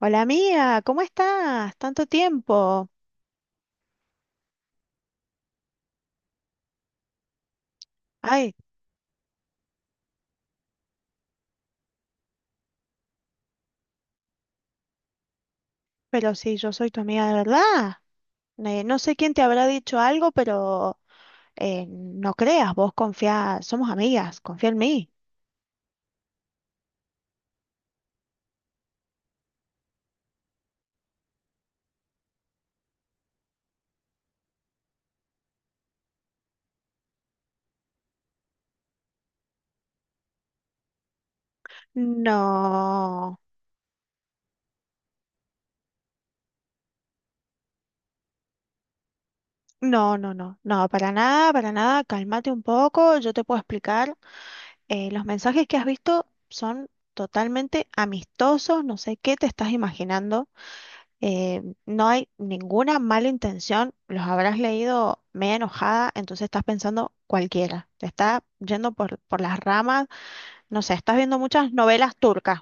Hola amiga, ¿cómo estás? Tanto tiempo. Ay, pero sí, yo soy tu amiga de verdad. Ne- no sé quién te habrá dicho algo, pero no creas, vos confía, somos amigas, confía en mí. No, no, no, no, no, para nada, cálmate un poco, yo te puedo explicar. Los mensajes que has visto son totalmente amistosos, no sé qué te estás imaginando. No hay ninguna mala intención, los habrás leído media enojada, entonces estás pensando cualquiera, te está yendo por las ramas, no sé, estás viendo muchas novelas turcas.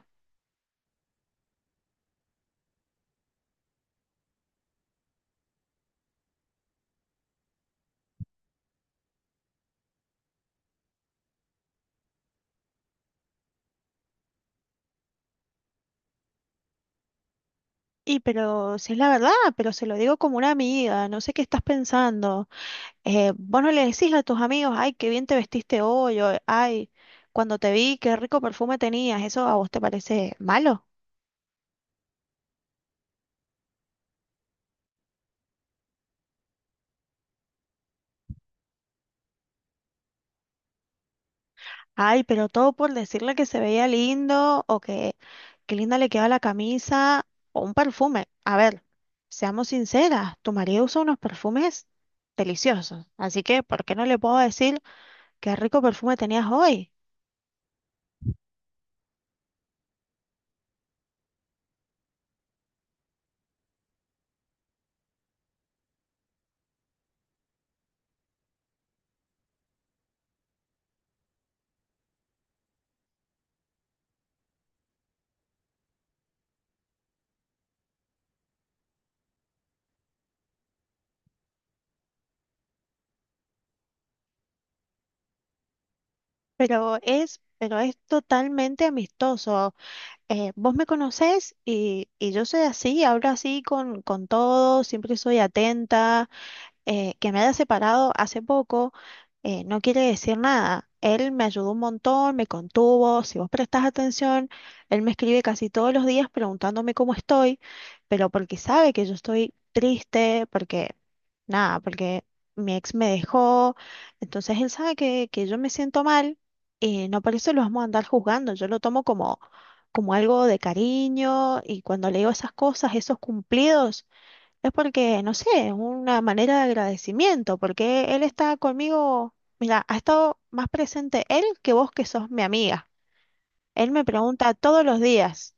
Y pero si es la verdad, pero se lo digo como una amiga, no sé qué estás pensando. Vos no le decís a tus amigos, ay, qué bien te vestiste hoy, o, ay, cuando te vi, qué rico perfume tenías, ¿eso a vos te parece malo? Ay, pero todo por decirle que se veía lindo o que qué linda le queda la camisa o un perfume. A ver, seamos sinceras, tu marido usa unos perfumes deliciosos, así que ¿por qué no le puedo decir qué rico perfume tenías hoy? Pero es totalmente amistoso. Vos me conocés y yo soy así, hablo así con todos, siempre soy atenta. Que me haya separado hace poco no quiere decir nada. Él me ayudó un montón, me contuvo. Si vos prestás atención, él me escribe casi todos los días preguntándome cómo estoy, pero porque sabe que yo estoy triste, porque nada, porque mi ex me dejó. Entonces él sabe que yo me siento mal y no por eso lo vamos a andar juzgando. Yo lo tomo como, como algo de cariño y cuando le digo esas cosas, esos cumplidos. Es porque, no sé, es una manera de agradecimiento, porque él está conmigo, mira, ha estado más presente él que vos que sos mi amiga. Él me pregunta todos los días,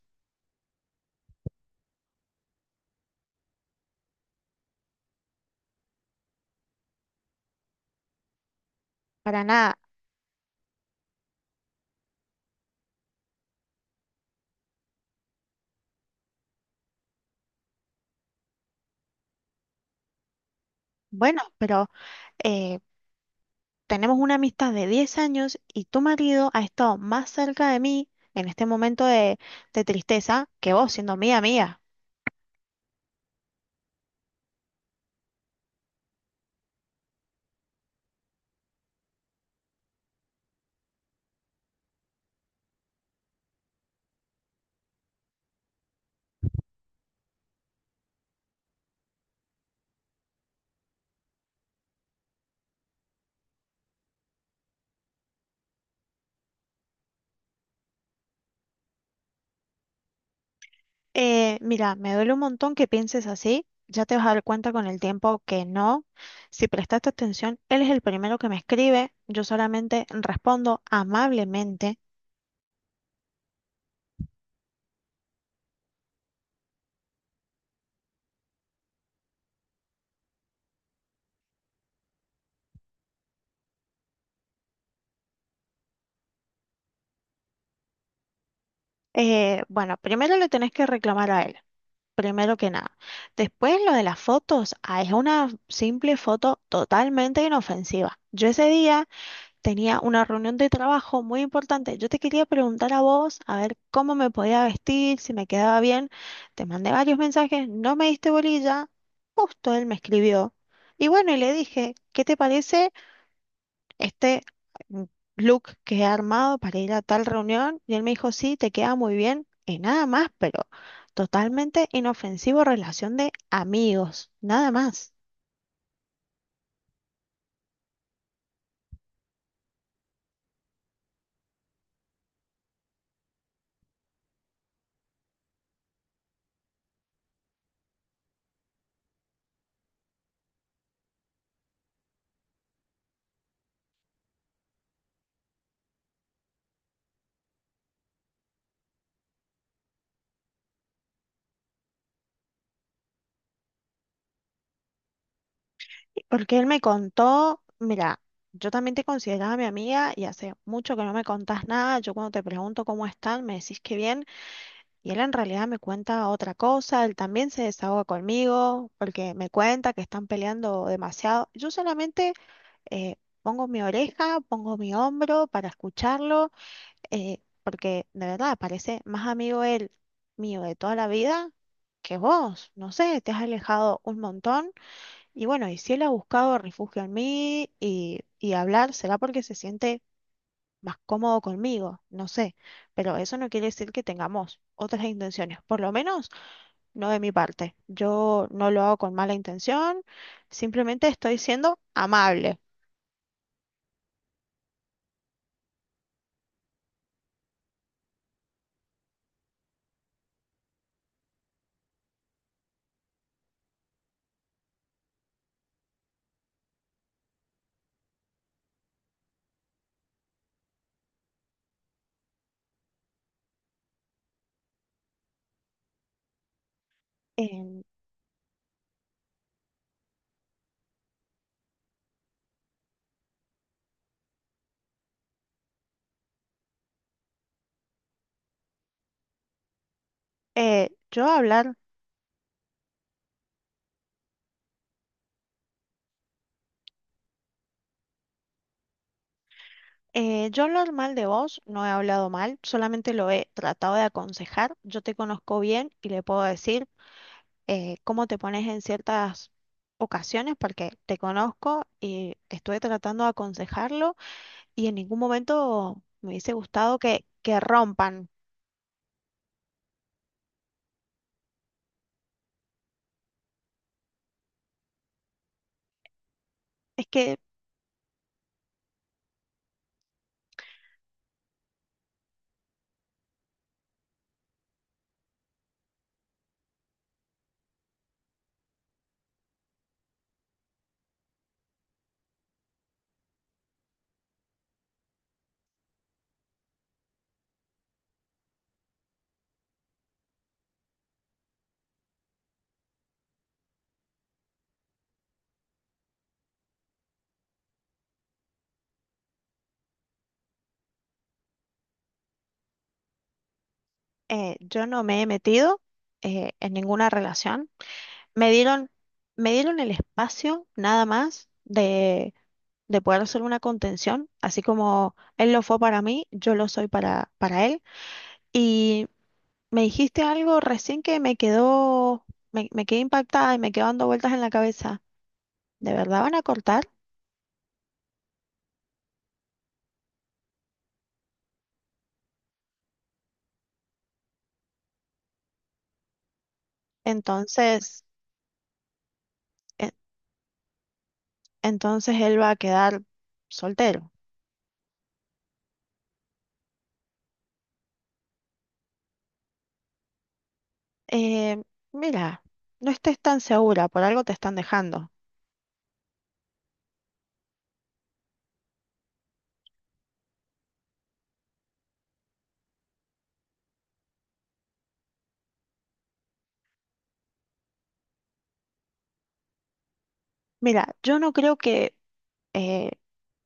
para nada, bueno, pero eh, tenemos una amistad de 10 años y tu marido ha estado más cerca de mí en este momento de tristeza que vos siendo mi amiga. Mira, me duele un montón que pienses así. Ya te vas a dar cuenta con el tiempo que no. Si prestaste atención, él es el primero que me escribe. Yo solamente respondo amablemente. Bueno, primero le tenés que reclamar a él, primero que nada. Después lo de las fotos, ah, es una simple foto totalmente inofensiva. Yo ese día tenía una reunión de trabajo muy importante. Yo te quería preguntar a vos, a ver cómo me podía vestir, si me quedaba bien. Te mandé varios mensajes, no me diste bolilla. Justo él me escribió. Y bueno, y le dije, ¿qué te parece este mm, look que he armado para ir a tal reunión? Y él me dijo, sí, te queda muy bien. Y nada más, pero totalmente inofensivo, relación de amigos, nada más. Porque él me contó, mira, yo también te consideraba mi amiga y hace mucho que no me contás nada. Yo cuando te pregunto cómo están, me decís que bien y él en realidad me cuenta otra cosa. Él también se desahoga conmigo porque me cuenta que están peleando demasiado. Yo solamente eh, pongo mi oreja, pongo mi hombro para escucharlo, porque de verdad parece más amigo él mío de toda la vida que vos. No sé, te has alejado un montón. Y bueno, y si él ha buscado refugio en mí y hablar, será porque se siente más cómodo conmigo, no sé, pero eso no quiere decir que tengamos otras intenciones, por lo menos no de mi parte. Yo no lo hago con mala intención, simplemente estoy siendo amable. En- eh, yo hablar, yo hablar mal de vos, no he hablado mal, solamente lo he tratado de aconsejar. Yo te conozco bien y le puedo decir cómo te pones en ciertas ocasiones, porque te conozco y estuve tratando de aconsejarlo y en ningún momento me hubiese gustado que rompan. Es que yo no me he metido en ninguna relación. Me dieron, me dieron el espacio nada más de poder hacer una contención, así como él lo fue para mí, yo lo soy para él. Y me dijiste algo recién que me quedó, me quedé impactada y me quedó dando vueltas en la cabeza. ¿De verdad van a cortar? Entonces, e- entonces él va a quedar soltero. Eh, Mira, no estés tan segura, por algo te están dejando. Mira, yo no creo que eh,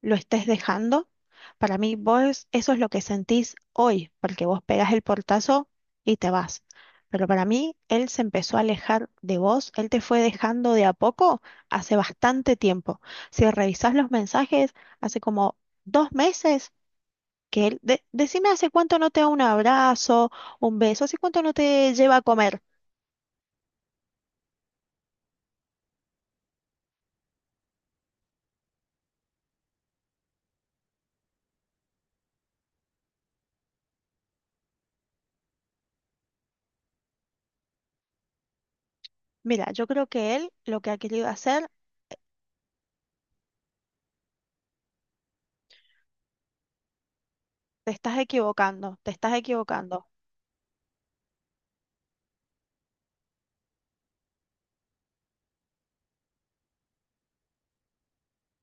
lo estés dejando. Para mí, vos, eso es lo que sentís hoy, porque vos pegás el portazo y te vas. Pero para mí, él se empezó a alejar de vos, él te fue dejando de a poco hace bastante tiempo. Si revisás los mensajes, hace como 2 meses que él, decime hace cuánto no te da un abrazo, un beso, hace cuánto no te lleva a comer. Mira, yo creo que él lo que ha querido hacer, te estás equivocando, te estás equivocando.